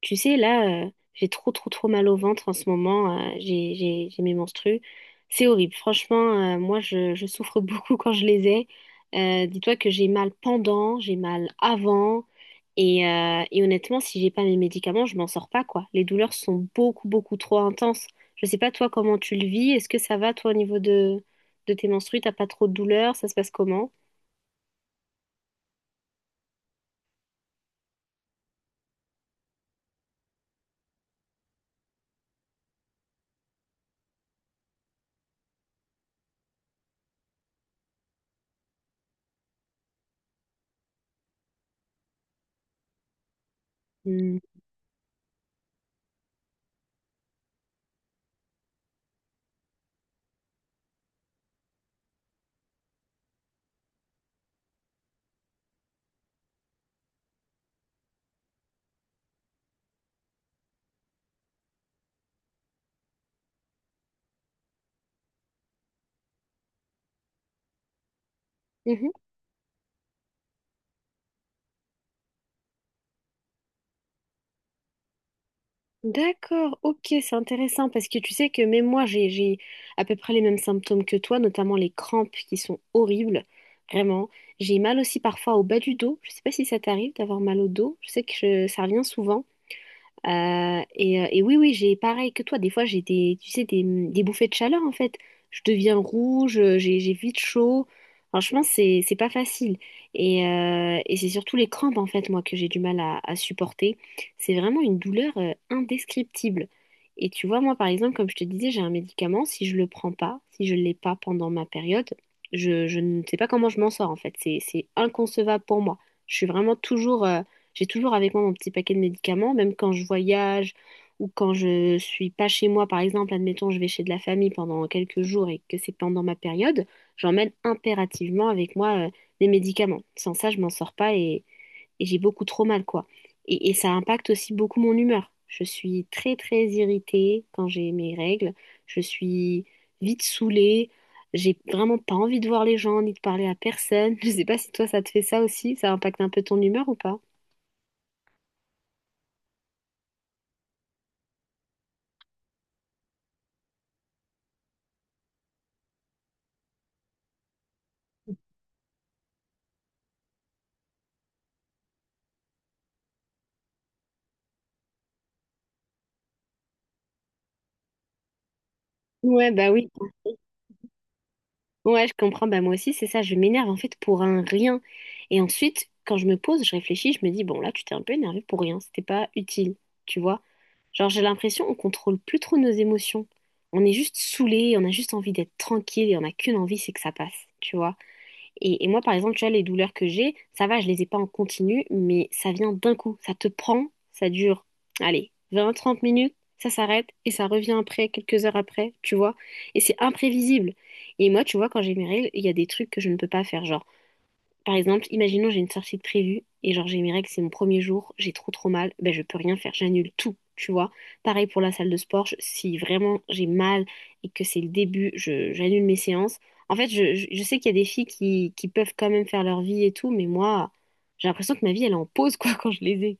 Tu sais, là, j'ai trop, trop, trop mal au ventre en ce moment. J'ai mes menstrues. C'est horrible. Franchement, moi, je souffre beaucoup quand je les ai. Dis-toi que j'ai mal pendant, j'ai mal avant. Et honnêtement, si j'ai pas mes médicaments, je m'en sors pas, quoi. Les douleurs sont beaucoup, beaucoup trop intenses. Je sais pas, toi, comment tu le vis. Est-ce que ça va, toi, au niveau de tes menstrues? T'as pas trop de douleurs? Ça se passe comment? Hmm. D'accord, ok, c'est intéressant parce que tu sais que même moi j'ai à peu près les mêmes symptômes que toi, notamment les crampes qui sont horribles, vraiment. J'ai mal aussi parfois au bas du dos. Je sais pas si ça t'arrive d'avoir mal au dos. Je sais que ça revient souvent. Et oui, oui, j'ai pareil que toi. Des fois, j'ai des, tu sais, des bouffées de chaleur en fait. Je deviens rouge, j'ai vite chaud. Franchement, c'est pas facile. Et c'est surtout les crampes en fait, moi, que j'ai du mal à supporter. C'est vraiment une douleur indescriptible. Et tu vois, moi, par exemple, comme je te disais, j'ai un médicament. Si je le prends pas, si je l'ai pas pendant ma période, je ne sais pas comment je m'en sors en fait. C'est inconcevable pour moi. Je suis vraiment toujours J'ai toujours avec moi mon petit paquet de médicaments, même quand je voyage ou quand je suis pas chez moi, par exemple, admettons, je vais chez de la famille pendant quelques jours et que c'est pendant ma période, j'emmène impérativement avec moi des médicaments. Sans ça, je m'en sors pas et j'ai beaucoup trop mal, quoi. Et ça impacte aussi beaucoup mon humeur. Je suis très, très irritée quand j'ai mes règles. Je suis vite saoulée. J'ai vraiment pas envie de voir les gens ni de parler à personne. Je sais pas si toi, ça te fait ça aussi. Ça impacte un peu ton humeur ou pas? Ouais, bah oui. Ouais, je comprends. Bah moi aussi, c'est ça. Je m'énerve en fait pour un rien. Et ensuite, quand je me pose, je réfléchis, je me dis, bon, là, tu t'es un peu énervé pour rien. C'était pas utile. Tu vois? Genre, j'ai l'impression on contrôle plus trop nos émotions. On est juste saoulé, on a juste envie d'être tranquille et on n'a qu'une envie, c'est que ça passe. Tu vois? Et moi, par exemple, tu vois, les douleurs que j'ai, ça va, je les ai pas en continu, mais ça vient d'un coup. Ça te prend, ça dure, allez, 20, 30 minutes, ça s'arrête et ça revient après, quelques heures après, tu vois. Et c'est imprévisible. Et moi, tu vois, quand j'ai mes règles, il y a des trucs que je ne peux pas faire. Genre, par exemple, imaginons j'ai une sortie de prévue et genre j'ai mes règles, c'est mon premier jour, j'ai trop trop mal, ben je peux rien faire, j'annule tout, tu vois. Pareil pour la salle de sport, si vraiment j'ai mal et que c'est le début, je j'annule mes séances. En fait, je sais qu'il y a des filles qui peuvent quand même faire leur vie et tout, mais moi, j'ai l'impression que ma vie elle est en pause quoi quand je les ai.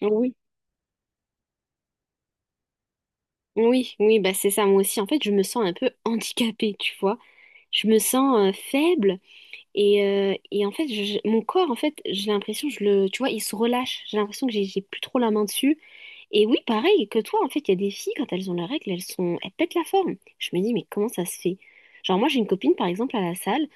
Oui. Oui, oui, bah c'est ça, moi aussi. En fait, je me sens un peu handicapée, tu vois. Je me sens faible. Et en fait, mon corps, en fait, j'ai l'impression, tu vois, il se relâche. J'ai l'impression que j'ai plus trop la main dessus. Et oui, pareil que toi, en fait, il y a des filles, quand elles ont leurs règles, elles pètent la forme. Je me dis, mais comment ça se fait? Genre, moi, j'ai une copine, par exemple, à la salle.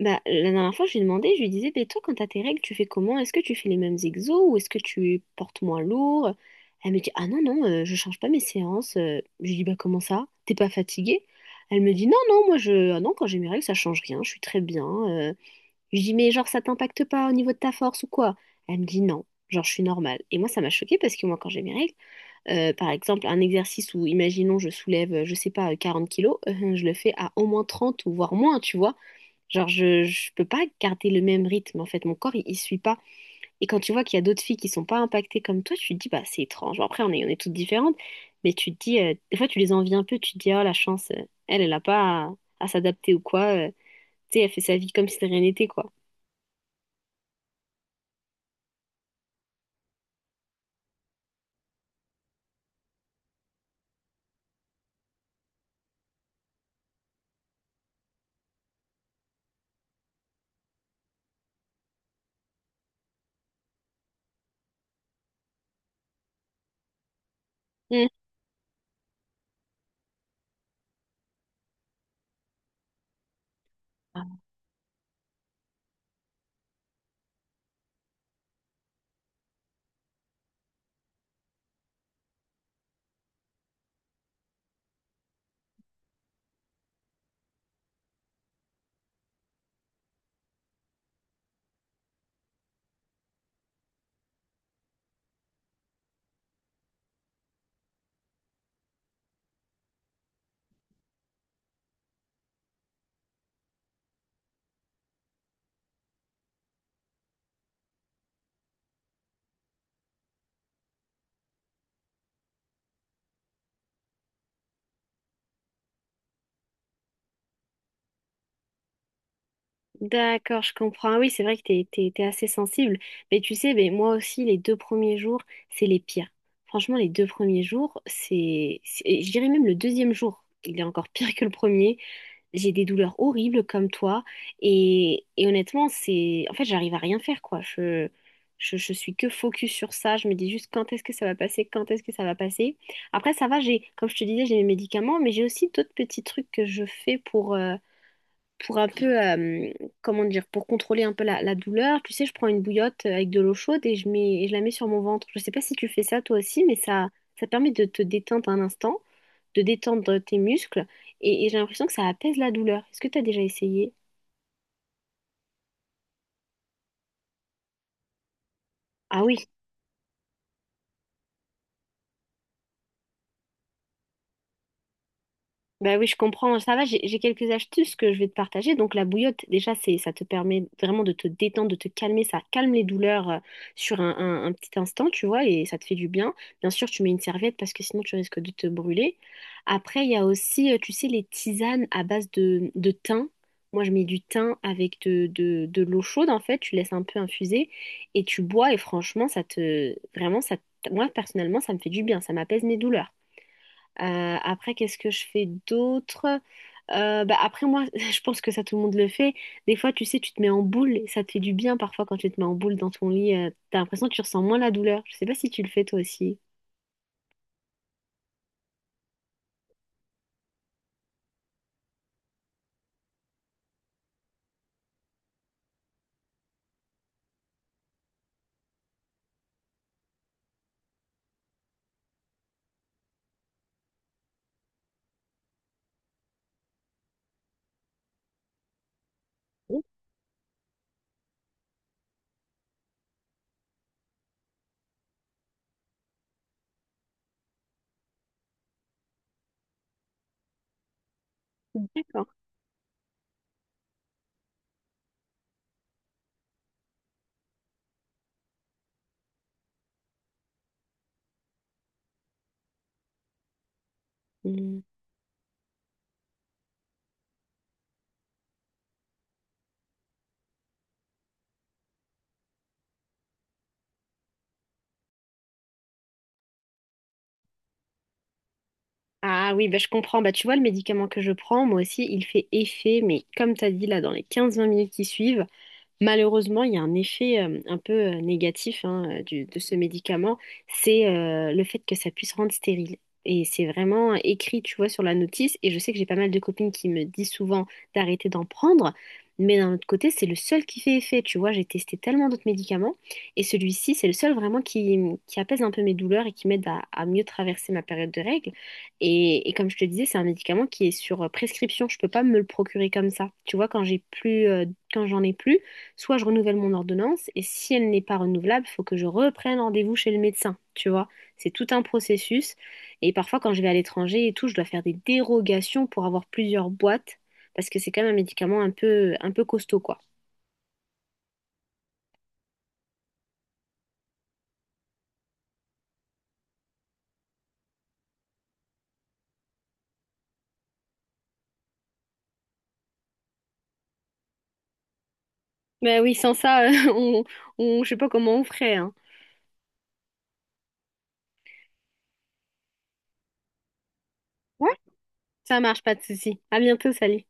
Bah, la dernière fois, je lui ai demandé, je lui disais, mais toi, quand t'as tes règles, tu fais comment? Est-ce que tu fais les mêmes exos ou est-ce que tu portes moins lourd? Elle me dit, ah non, non, je change pas mes séances. Je lui dis, bah, comment ça? T'es pas fatiguée? Elle me dit, non, non, moi, ah non, quand j'ai mes règles, ça change rien. Je suis très bien. Je lui dis, mais genre, ça t'impacte pas au niveau de ta force ou quoi? Elle me dit non, genre, je suis normale. Et moi, ça m'a choquée parce que moi, quand j'ai mes règles, par exemple, un exercice où, imaginons, je soulève, je sais pas, 40 kilos, je le fais à au moins 30 ou voire moins, tu vois. Genre, je peux pas garder le même rythme, en fait, mon corps, il suit pas. Et quand tu vois qu'il y a d'autres filles qui sont pas impactées comme toi, tu te dis, bah, c'est étrange. Bon, après, on est toutes différentes, mais tu te dis, des fois, tu les envies un peu, tu te dis, oh, la chance, elle a pas à s'adapter ou quoi. euh, tu sais, elle fait sa vie comme si de rien n'était, quoi. D'accord, je comprends. Ah oui, c'est vrai que t'es assez sensible. Mais tu sais, moi aussi, les deux premiers jours, c'est les pires. Franchement, les deux premiers jours, je dirais même le deuxième jour, il est encore pire que le premier. J'ai des douleurs horribles comme toi. Et honnêtement, en fait, j'arrive à rien faire, quoi. Je suis que focus sur ça. Je me dis juste quand est-ce que ça va passer, quand est-ce que ça va passer. Après, ça va, comme je te disais, j'ai mes médicaments, mais j'ai aussi d'autres petits trucs que je fais pour un peu, comment dire, pour contrôler un peu la douleur, tu sais, je prends une bouillotte avec de l'eau chaude et je la mets sur mon ventre. Je sais pas si tu fais ça toi aussi, mais ça permet de te détendre un instant, de détendre tes muscles et j'ai l'impression que ça apaise la douleur. Est-ce que tu as déjà essayé? Ah oui. Bah oui, je comprends. Ça va, j'ai quelques astuces que je vais te partager. Donc la bouillotte, déjà, ça te permet vraiment de te détendre, de te calmer. Ça calme les douleurs sur un petit instant, tu vois, et ça te fait du bien. Bien sûr, tu mets une serviette parce que sinon tu risques de te brûler. Après, il y a aussi, tu sais, les tisanes à base de thym. Moi, je mets du thym avec de l'eau chaude, en fait. Tu laisses un peu infuser et tu bois. Et franchement, ça te... Vraiment, ça... te- moi, personnellement, ça me fait du bien. Ça m'apaise mes douleurs. Après, qu'est-ce que je fais d'autre? Bah, après, moi, je pense que ça, tout le monde le fait. Des fois, tu sais, tu te mets en boule et ça te fait du bien parfois quand tu te mets en boule dans ton lit. T'as l'impression que tu ressens moins la douleur. Je sais pas si tu le fais toi aussi. Oui, d'accord. Hmm. Ah oui, bah, je comprends. Bah, tu vois, le médicament que je prends, moi aussi, il fait effet, mais comme tu as dit là, dans les 15-20 minutes qui suivent. Malheureusement, il y a un effet un peu négatif hein, de ce médicament, c'est le fait que ça puisse rendre stérile. Et c'est vraiment écrit, tu vois, sur la notice. Et je sais que j'ai pas mal de copines qui me disent souvent d'arrêter d'en prendre. Mais d'un autre côté, c'est le seul qui fait effet. Tu vois, j'ai testé tellement d'autres médicaments. Et celui-ci, c'est le seul vraiment qui apaise un peu mes douleurs et qui m'aide à mieux traverser ma période de règles. Et comme je te disais, c'est un médicament qui est sur prescription. Je peux pas me le procurer comme ça. Tu vois, quand j'en ai plus, soit je renouvelle mon ordonnance, et si elle n'est pas renouvelable, il faut que je reprenne rendez-vous chez le médecin, tu vois. C'est tout un processus. Et parfois, quand je vais à l'étranger et tout, je dois faire des dérogations pour avoir plusieurs boîtes, parce que c'est quand même un médicament un peu costaud, quoi. Ben oui, sans ça, on, je sais pas comment on ferait, hein. Ouais. Ça marche, pas de souci. À bientôt, salut.